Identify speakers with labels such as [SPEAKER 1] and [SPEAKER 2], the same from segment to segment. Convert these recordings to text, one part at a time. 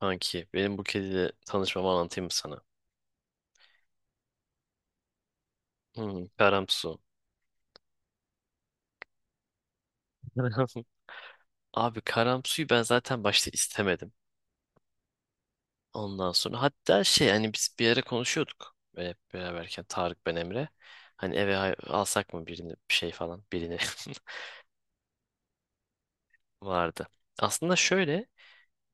[SPEAKER 1] Kanki benim bu kediyle tanışmamı anlatayım mı sana? Hmm, Karamsu. Abi Karamsu'yu ben zaten başta istemedim. Ondan sonra hatta şey hani biz bir ara konuşuyorduk. Böyle hep beraberken Tarık, ben, Emre. Hani eve alsak mı birini, bir şey falan birini vardı. Aslında şöyle,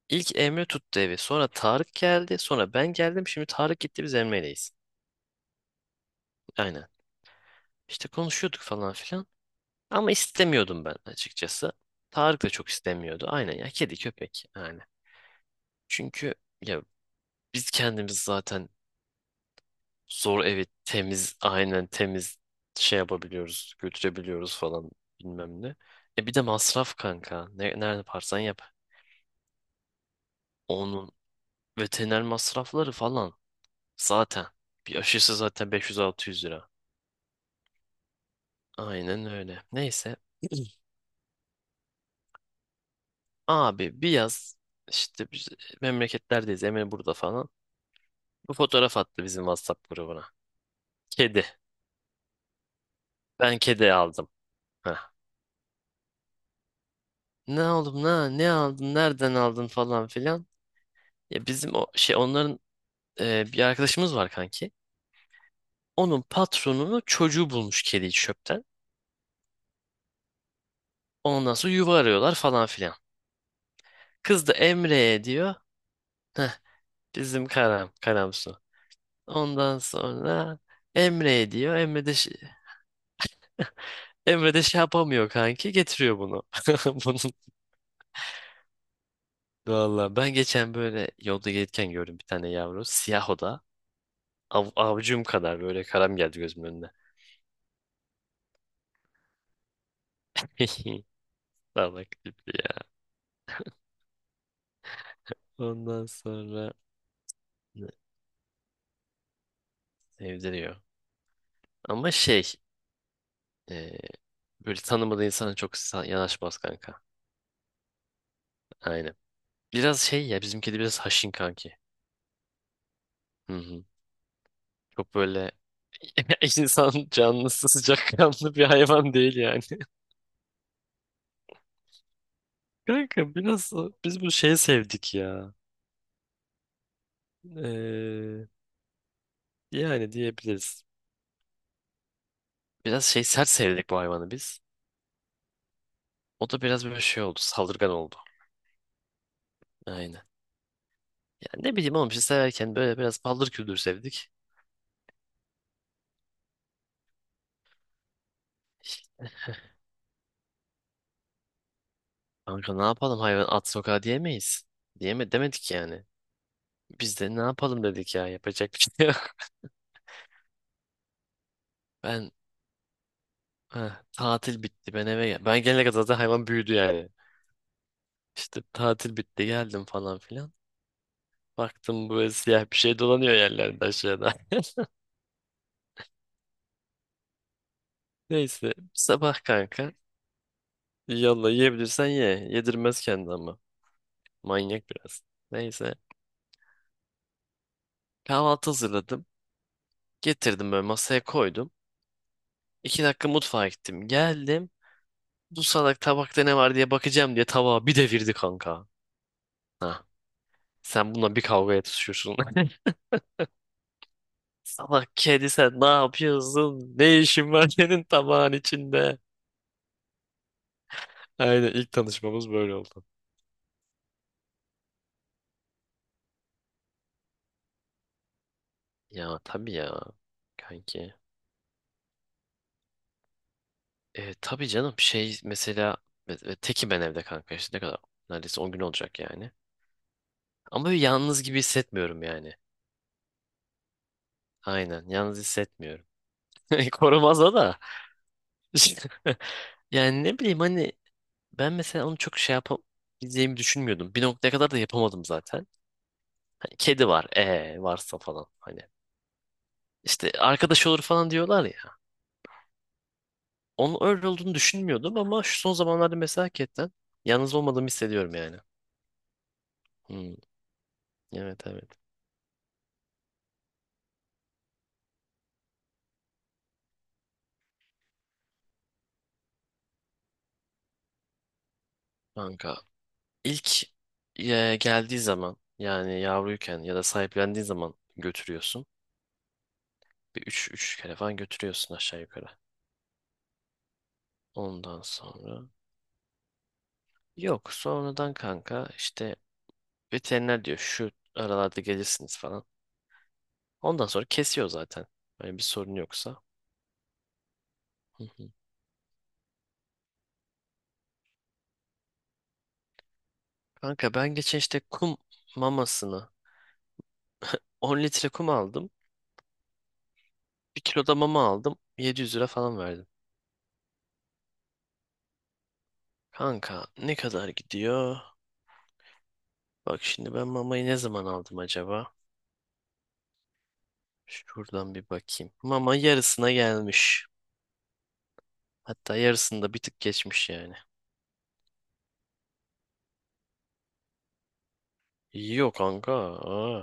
[SPEAKER 1] ilk Emre tuttu evi, sonra Tarık geldi, sonra ben geldim, şimdi Tarık gitti biz Emre'yleyiz. Aynen. İşte konuşuyorduk falan filan. Ama istemiyordum ben açıkçası. Tarık da çok istemiyordu. Aynen ya, kedi köpek yani. Çünkü ya biz kendimiz zaten zor evi temiz, aynen temiz şey yapabiliyoruz, götürebiliyoruz falan bilmem ne. E bir de masraf kanka. Ne, nerede parsan yap. Onun veteriner masrafları falan zaten. Bir aşısı zaten 500-600 lira. Aynen öyle. Neyse. Abi bir yaz işte biz memleketlerdeyiz. Emre burada falan. Bu fotoğraf attı bizim WhatsApp grubuna. Kedi. Ben kedi aldım. Heh. Ne oğlum, ne aldın, nereden aldın falan filan. Ya bizim o şey, onların bir arkadaşımız var kanki. Onun patronunu çocuğu bulmuş kediyi çöpten. Ondan sonra yuva arıyorlar falan filan. Kız da Emre'ye diyor. Bizim Karam, Karamsu. Ondan sonra Emre'ye diyor. Emre de şey yapamıyor kanki. Getiriyor bunu. Bunun Valla ben geçen böyle yolda gelirken gördüm bir tane yavru. Siyah o da. Avucum kadar böyle karam geldi gözümün önüne. Salak tipli ya. Ondan sonra ne- sevdiriyor. Ama şey, e, böyle tanımadığı insana çok yanaşmaz kanka. Aynen. Biraz şey ya, bizim kedi biraz haşin kanki. Hı hı. Çok böyle insan canlısı, sıcakkanlı bir hayvan değil yani. Kanka biraz biz bu şeyi sevdik ya. Ee, yani diyebiliriz. Biraz şey sert sevdik bu hayvanı biz. O da biraz böyle şey oldu, saldırgan oldu. Aynen. Yani ne bileyim oğlum, işte severken böyle biraz paldır küldür sevdik. Kanka ne yapalım, hayvan at sokağa diyemeyiz. Demedik yani. Biz de ne yapalım dedik ya, yapacak bir şey yok. Ben tatil bitti, ben eve gel. Ben gelene kadar zaten hayvan büyüdü yani. İşte tatil bitti, geldim falan filan. Baktım böyle siyah bir şey dolanıyor yerlerde aşağıda. Neyse sabah kanka. Yallah, yiyebilirsen ye. Yedirmez kendi ama. Manyak biraz. Neyse, kahvaltı hazırladım. Getirdim böyle masaya koydum. 2 dakika mutfağa gittim. Geldim. Bu salak, tabakta ne var diye bakacağım diye tabağı bir devirdi kanka. Ha. Sen bununla bir kavgaya tutuşuyorsun. Salak kedi, sen ne yapıyorsun? Ne işin var senin tabağın içinde? Aynen, ilk tanışmamız böyle oldu. Ya tabii ya kanki. Tabii canım, şey mesela tekim ben evde kanka, işte ne kadar, neredeyse 10 gün olacak yani. Ama böyle yalnız gibi hissetmiyorum yani. Aynen, yalnız hissetmiyorum. Korumaza da. Yani ne bileyim hani, ben mesela onu çok şey yapabileceğimi düşünmüyordum. Bir noktaya kadar da yapamadım zaten. Hani kedi var, varsa falan hani. İşte arkadaş olur falan diyorlar ya. Onun öyle olduğunu düşünmüyordum, ama şu son zamanlarda mesela hakikaten yalnız olmadığımı hissediyorum yani. Hmm, evet, evet. Kanka ilk geldiği zaman, yani yavruyken ya da sahiplendiği zaman götürüyorsun. Bir 3 kere falan götürüyorsun aşağı yukarı. Ondan sonra yok, sonradan kanka işte veteriner diyor şu aralarda gelirsiniz falan. Ondan sonra kesiyor zaten. Hani bir sorun yoksa. Hı hı. Kanka ben geçen işte kum mamasını, 10 litre kum aldım, 1 kilo da mama aldım, 700 lira falan verdim. Kanka ne kadar gidiyor? Bak şimdi, ben mamayı ne zaman aldım acaba? Şuradan bir bakayım. Mama yarısına gelmiş. Hatta yarısında bir tık geçmiş yani. Yok kanka. Aa,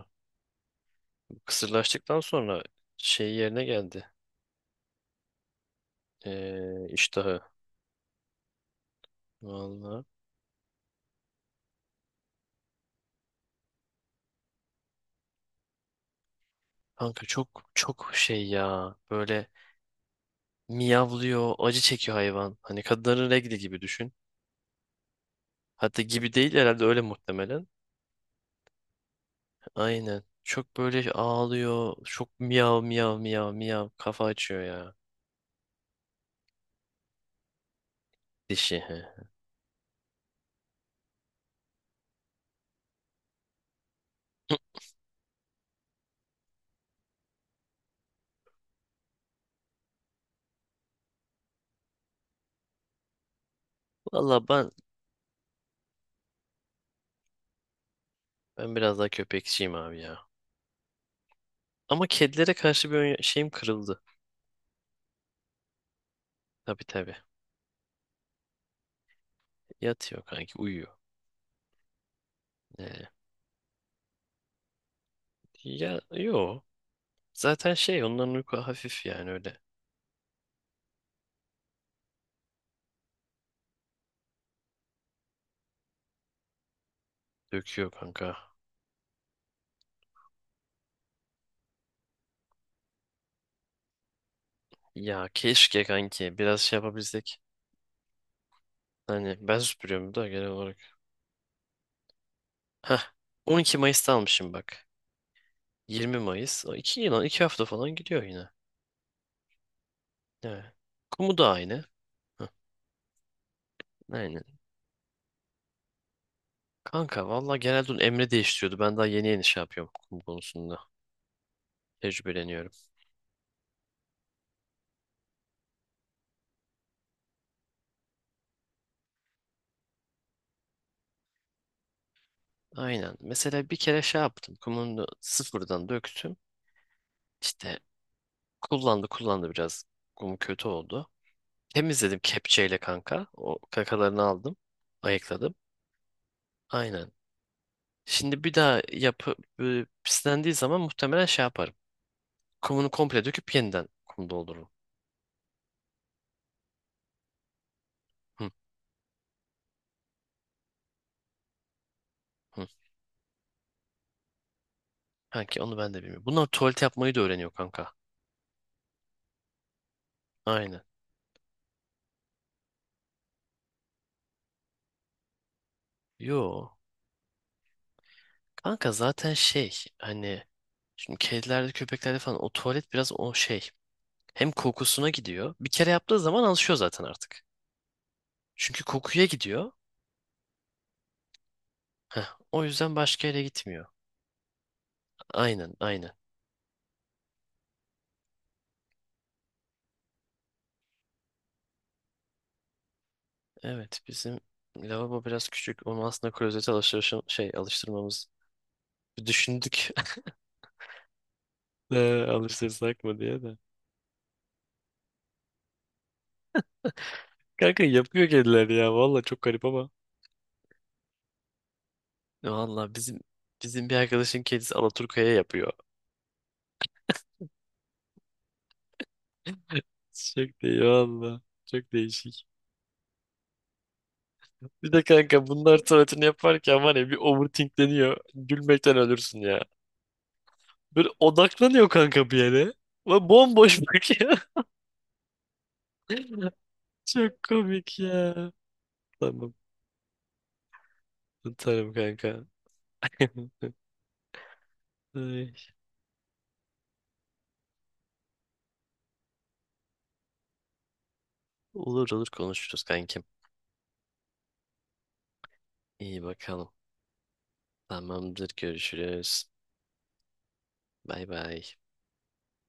[SPEAKER 1] kısırlaştıktan sonra şey yerine geldi. İştahı. Vallahi. Kanka çok çok şey ya. Böyle miyavlıyor, acı çekiyor hayvan. Hani kadınların regli gibi düşün. Hatta gibi değil herhalde, öyle muhtemelen. Aynen. Çok böyle ağlıyor. Çok miyav miyav miyav miyav. Kafa açıyor ya. Dişi. He. Valla ben biraz daha köpekçiyim abi ya. Ama kedilere karşı bir şeyim kırıldı. Tabii tabii. Yatıyor kanki, uyuyor. Ee, ya yo. Zaten şey, onların uyku hafif yani öyle. Döküyor kanka. Ya keşke kanki biraz şey yapabilsek. Hani ben süpürüyorum da genel olarak. Heh 12 Mayıs'ta almışım bak. 20 Mayıs. O 2 yıl, 2 hafta falan gidiyor yine. Evet. Kumu da aynı. Heh, aynen. Kanka valla genelde onun Emre değiştiriyordu. Ben daha yeni yeni şey yapıyorum kum konusunda. Tecrübeleniyorum. Aynen. Mesela bir kere şey yaptım. Kumunu sıfırdan döktüm. İşte kullandı kullandı biraz. Kum kötü oldu. Temizledim kepçeyle kanka. O kakalarını aldım. Ayıkladım. Aynen. Şimdi bir daha pislendiği zaman muhtemelen şey yaparım. Kumunu komple döküp yeniden kum doldururum. Hı, hı. Kanki onu ben de bilmiyorum. Bunlar tuvalet yapmayı da öğreniyor kanka. Aynen. Yo. Kanka zaten şey hani, şimdi kedilerde köpeklerde falan o tuvalet biraz o şey. Hem kokusuna gidiyor. Bir kere yaptığı zaman alışıyor zaten artık. Çünkü kokuya gidiyor. Heh, o yüzden başka yere gitmiyor. Aynen, aynen. Evet bizim lavabo biraz küçük. Onu aslında klozete şey, alıştırmamız bir düşündük. Alıştırsak mı diye de. Kanka yapıyor kediler ya. Valla çok garip ama. Valla bizim bir arkadaşın kedisi Alaturka'ya yapıyor. Çok değil valla. Çok değişik. Bir de kanka bunlar tuvaletini yaparken var ya, bir overthinkleniyor. Gülmekten ölürsün ya. Böyle odaklanıyor kanka bir yere. Ve bomboş bakıyor. Çok komik ya. Tamam. Tutarım kanka. Ay. Olur olur, konuşuruz kankim. İyi bakalım. Tamamdır, görüşürüz. Bay bay.